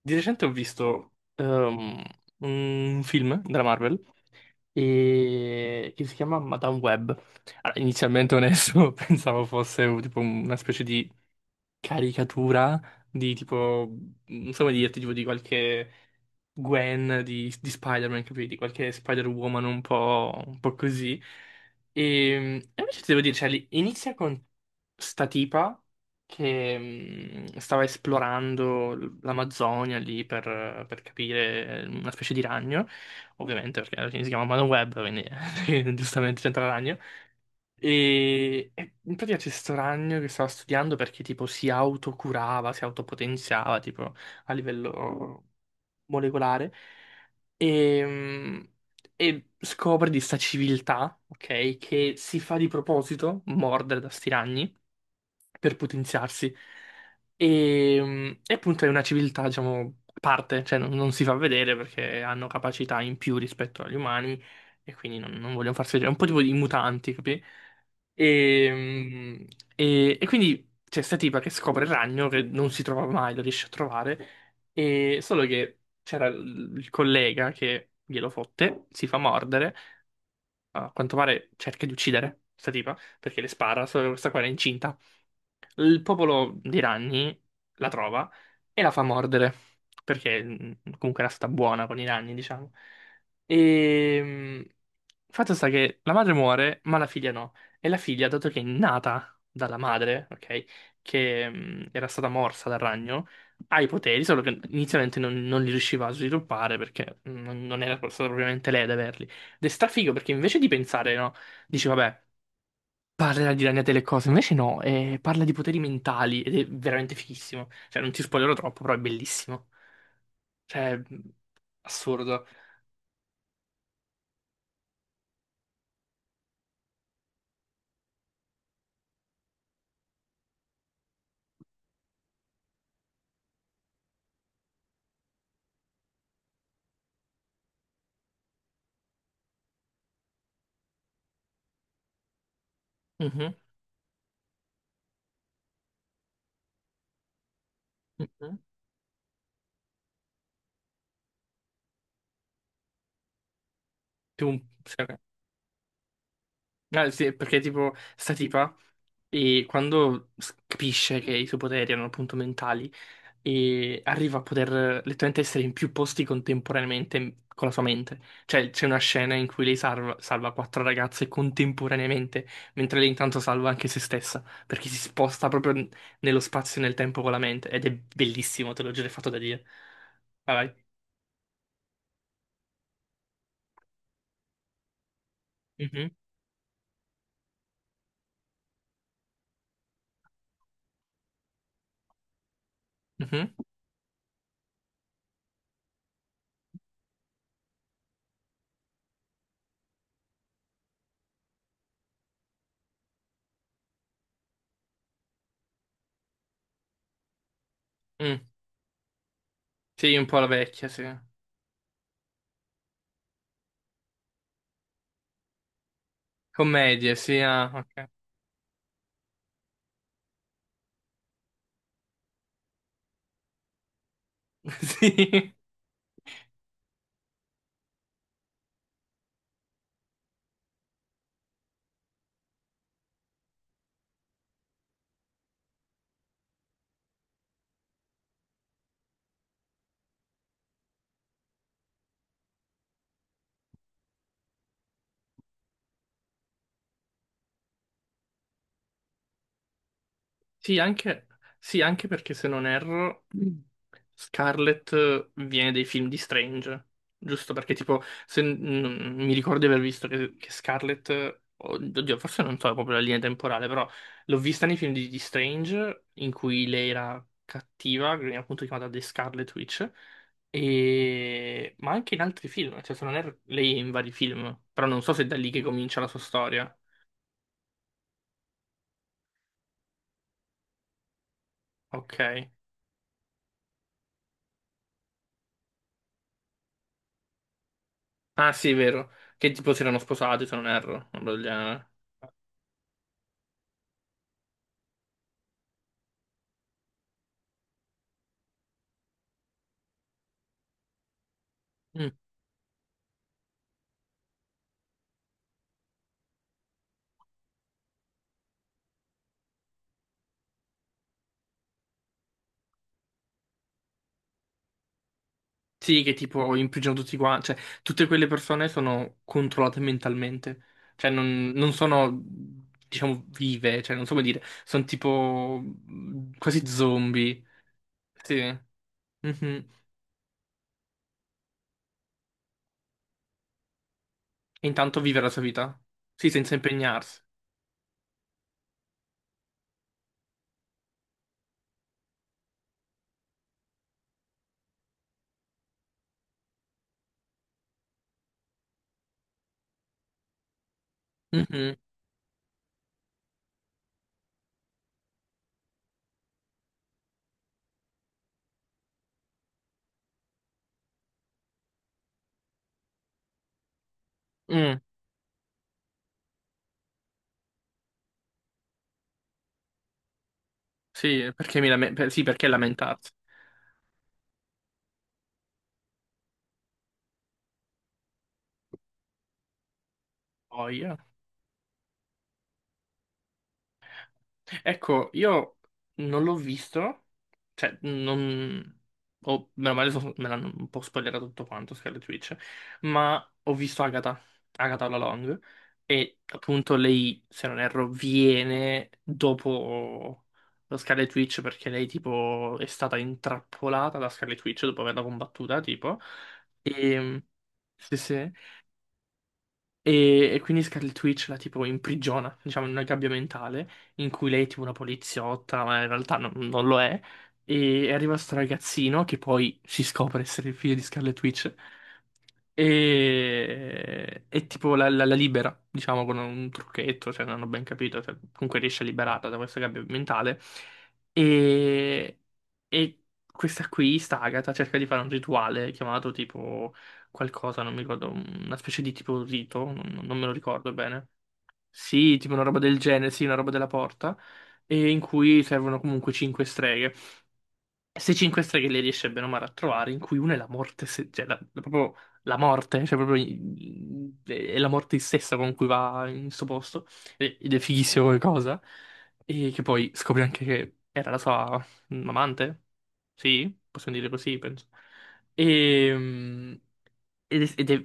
Di recente ho visto un film della Marvel che si chiama Madame Web. Allora, inizialmente onesto, pensavo fosse tipo una specie di caricatura di tipo, non so come dirti, tipo di qualche Gwen di Spider-Man, capiti? Qualche Spider-Woman un po' così. E, e invece ti devo dire, cioè, inizia con sta tipa che stava esplorando l'Amazzonia lì per capire una specie di ragno, ovviamente perché alla fine si chiama Madame Web, quindi giustamente c'entra il ragno. E in pratica c'è sto ragno che stava studiando perché tipo si autocurava, si autopotenziava tipo a livello molecolare e, mm, e scopre di sta civiltà, ok, che si fa di proposito mordere da sti ragni per potenziarsi. E appunto è una civiltà, diciamo, a parte, cioè non si fa vedere perché hanno capacità in più rispetto agli umani e quindi non vogliono farsi vedere. È un po' tipo i mutanti, capi? E, mm, e quindi c'è sta tipa che scopre il ragno che non si trova mai, lo riesce a trovare, e solo che c'era il collega che glielo fotte, si fa mordere, a quanto pare cerca di uccidere questa tipa, perché le spara, solo che questa qua era incinta. Il popolo di Ranni la trova e la fa mordere, perché comunque era stata buona con i Ranni, diciamo. E fatto sta che la madre muore, ma la figlia no. E la figlia, dato che è nata dalla madre, ok, che era stata morsa dal ragno, ha i poteri, solo che inizialmente non li riusciva a sviluppare perché non era stata propriamente lei ad averli. Ed è strafigo perché invece di pensare, no, dici vabbè. Parla di Ragna delle cose, invece no, parla di poteri mentali ed è veramente fighissimo. Cioè, non ti spoilerò troppo, però è bellissimo. Cioè, assurdo. Mhm, mhm. Più sì, ok. Ah, sì, perché tipo sta tipa e quando capisce che i suoi poteri erano appunto mentali e arriva a poter letteralmente essere in più posti contemporaneamente con la sua mente. Cioè c'è una scena in cui lei salva quattro ragazze contemporaneamente, mentre lei intanto salva anche se stessa, perché si sposta proprio nello spazio e nel tempo con la mente ed è bellissimo, te l'ho già fatto da dire. Vai, vai. Mhm, mhm, mm. Sì, un po' la vecchia, sì. Commedie, sì, ah, ok. Sì, sì, anche, sì, anche perché se non erro, Scarlett viene dai film di Strange, giusto? Perché tipo, se, mi ricordo di aver visto che Scarlett, oddio, forse non so proprio la linea temporale, però l'ho vista nei film di Strange, in cui lei era cattiva, che veniva appunto chiamata The Scarlet Witch, e, ma anche in altri film, cioè se non erro, lei è in vari film, però non so se è da lì che comincia la sua storia. Ok. Ah, sì, è vero. Che tipo si erano sposati, se non erro, una roba del genere. Mm. Sì, che tipo imprigionano tutti quanti. Cioè, tutte quelle persone sono controllate mentalmente. Cioè, non sono, diciamo, vive. Cioè, non so come dire. Sono tipo quasi zombie. Sì. Mhm. E intanto vive la sua vita. Sì, senza impegnarsi. Mhm. Mm. Sì, perché sì, perché lamentarsi? Poi. Ecco, io non l'ho visto, cioè, non, o meno male me l'hanno un po' spoilerato tutto quanto, Scarlet Witch, ma ho visto Agatha, Agatha la Long, e appunto lei, se non erro, viene dopo lo Scarlet Witch perché lei tipo è stata intrappolata da Scarlet Witch dopo averla combattuta, tipo, e. Sì, sì. E quindi Scarlet Witch la tipo imprigiona, diciamo, in una gabbia mentale in cui lei è tipo una poliziotta, ma in realtà non lo è. E arriva sto ragazzino che poi si scopre essere il figlio di Scarlet Witch. E tipo la libera, diciamo, con un trucchetto, se non ho ben capito, cioè, comunque riesce a liberarla da questa gabbia mentale. E, e questa qui, sta Agatha, cerca di fare un rituale chiamato tipo qualcosa, non mi ricordo, una specie di tipo rito, non me lo ricordo bene. Sì, tipo una roba del genere, sì, una roba della porta, e in cui servono comunque cinque streghe. Queste 5 streghe le riesce bene o male a trovare, in cui una è la morte, cioè proprio la morte, cioè proprio è la morte stessa con cui va in questo posto, ed è fighissimo come cosa, e che poi scopre anche che era la sua amante, sì, possiamo dire così, penso, e, mm, ed è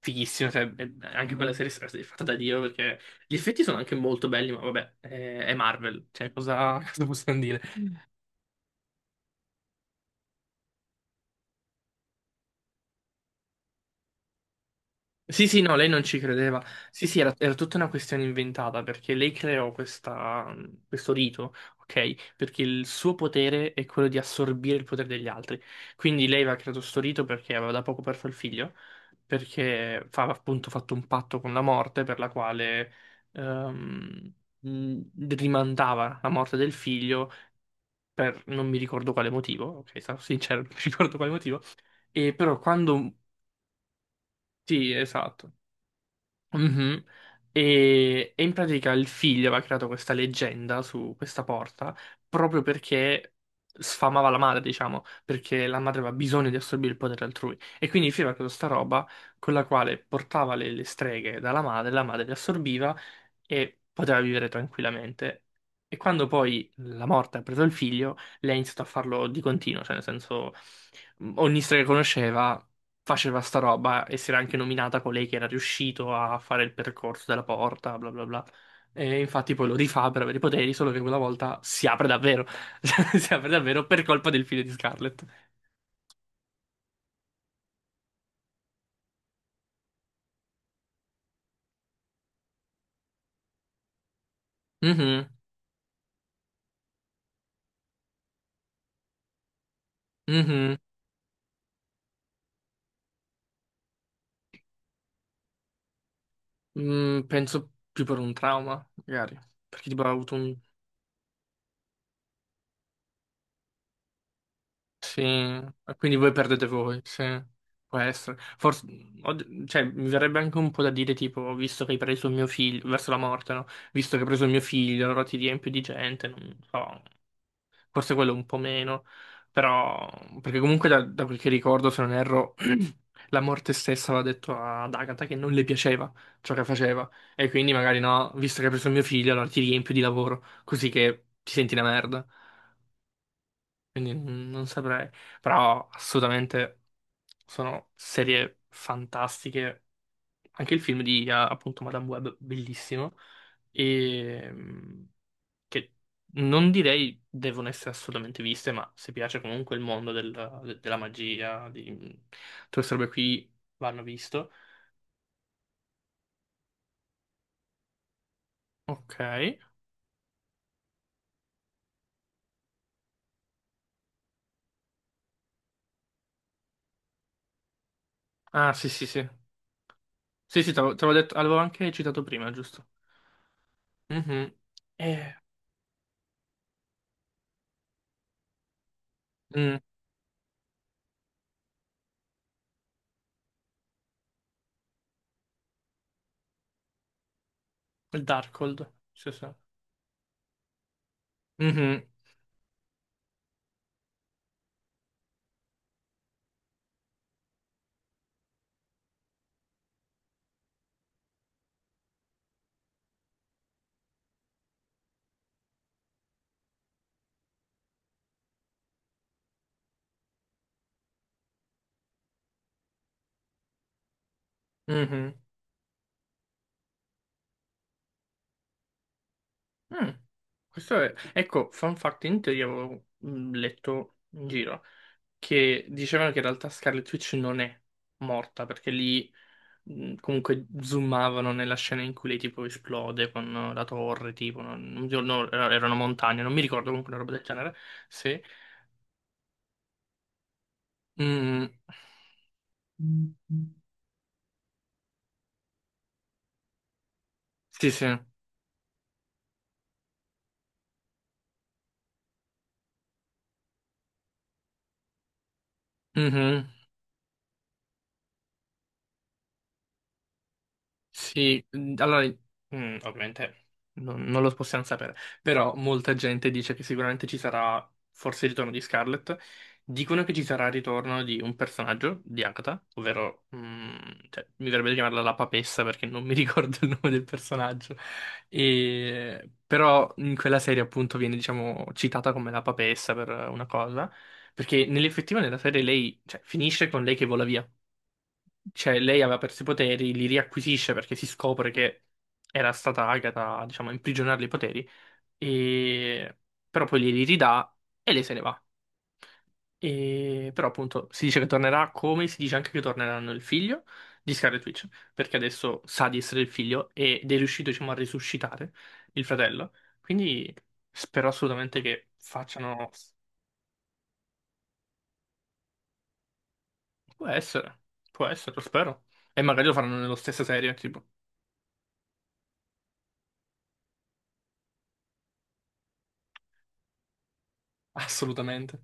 fighissimo, cioè, anche quella serie è fatta da Dio, perché gli effetti sono anche molto belli, ma vabbè, è Marvel, cioè cosa cosa possiamo dire? Sì, sì, no, lei non ci credeva. Sì, sì, era tutta una questione inventata perché lei creò questo rito, ok? Perché il suo potere è quello di assorbire il potere degli altri. Quindi lei aveva creato questo rito perché aveva da poco perso il figlio, perché aveva appunto fatto un patto con la morte per la quale ehm, mh, rimandava la morte del figlio per non mi ricordo quale motivo, ok? Sarò sincero, non mi ricordo quale motivo. E però quando. Sì, esatto. Mhm. E in pratica il figlio aveva creato questa leggenda su questa porta proprio perché sfamava la madre, diciamo, perché la madre aveva bisogno di assorbire il potere altrui. E quindi il figlio aveva creato questa roba con la quale portava le streghe dalla madre, la madre le assorbiva e poteva vivere tranquillamente. E quando poi la morte ha preso il figlio, lei ha iniziato a farlo di continuo, cioè nel senso ogni strega che conosceva faceva sta roba e si era anche nominata colei che era riuscito a fare il percorso della porta, bla bla bla. E infatti poi lo rifà per avere i poteri, solo che quella volta si apre davvero. Si apre davvero per colpa del figlio di Scarlett. Mhm, mhm. Mm, penso più per un trauma, magari. Perché tipo ha avuto un. Sì, e quindi voi perdete voi, sì, può essere. Forse, cioè, mi verrebbe anche un po' da dire, tipo, visto che hai preso il mio figlio, verso la morte, no? Visto che hai preso il mio figlio, allora ti riempio di gente, non so, forse quello un po' meno, però, perché comunque da quel che ricordo, se non erro, la morte stessa aveva detto ad Agatha che non le piaceva ciò che faceva, e quindi magari no, visto che hai preso il mio figlio, allora ti riempio di lavoro, così che ti senti una merda. Quindi non saprei. Però assolutamente sono serie fantastiche. Anche il film di appunto Madame Web, bellissimo. E che non direi devono essere assolutamente viste, ma se piace comunque il mondo della magia, di tutte queste robe qui vanno visto. Ok. Ah, sì, sì, sì. Sì, sì, te l'avevo detto, l'avevo anche citato prima, giusto? Mhm. Eh, mm, il Darkhold. Sì, sì. Mhm, mhm. Mm. Questo è. Ecco, fun fact, in teoria avevo letto in giro che dicevano che in realtà Scarlet Witch non è morta perché lì comunque zoomavano nella scena in cui lei tipo esplode con la torre, tipo, no, erano montagne, non mi ricordo comunque una roba del genere. Sì. Mm. Sì, sì. Mhm. Sì, allora, ovviamente non lo possiamo sapere, però molta gente dice che sicuramente ci sarà forse il ritorno di Scarlett, dicono che ci sarà il ritorno di un personaggio di Agatha, ovvero, cioè, mi verrebbe di chiamarla la papessa perché non mi ricordo il nome del personaggio, però in quella serie appunto viene, diciamo, citata come la papessa per una cosa, perché nell'effettiva nella serie lei, cioè, finisce con lei che vola via cioè, lei aveva perso i poteri, li riacquisisce perché si scopre che era stata Agatha, a, diciamo, a imprigionarle i poteri, e. Però poi glieli ridà e lei se ne va. E. Però appunto si dice che tornerà come si dice anche che torneranno il figlio di Scarlet Witch, perché adesso sa di essere il figlio ed è riuscito, diciamo, a risuscitare il fratello. Quindi spero assolutamente che facciano. Può essere, può essere, lo spero. E magari lo faranno nella stessa serie, tipo, assolutamente.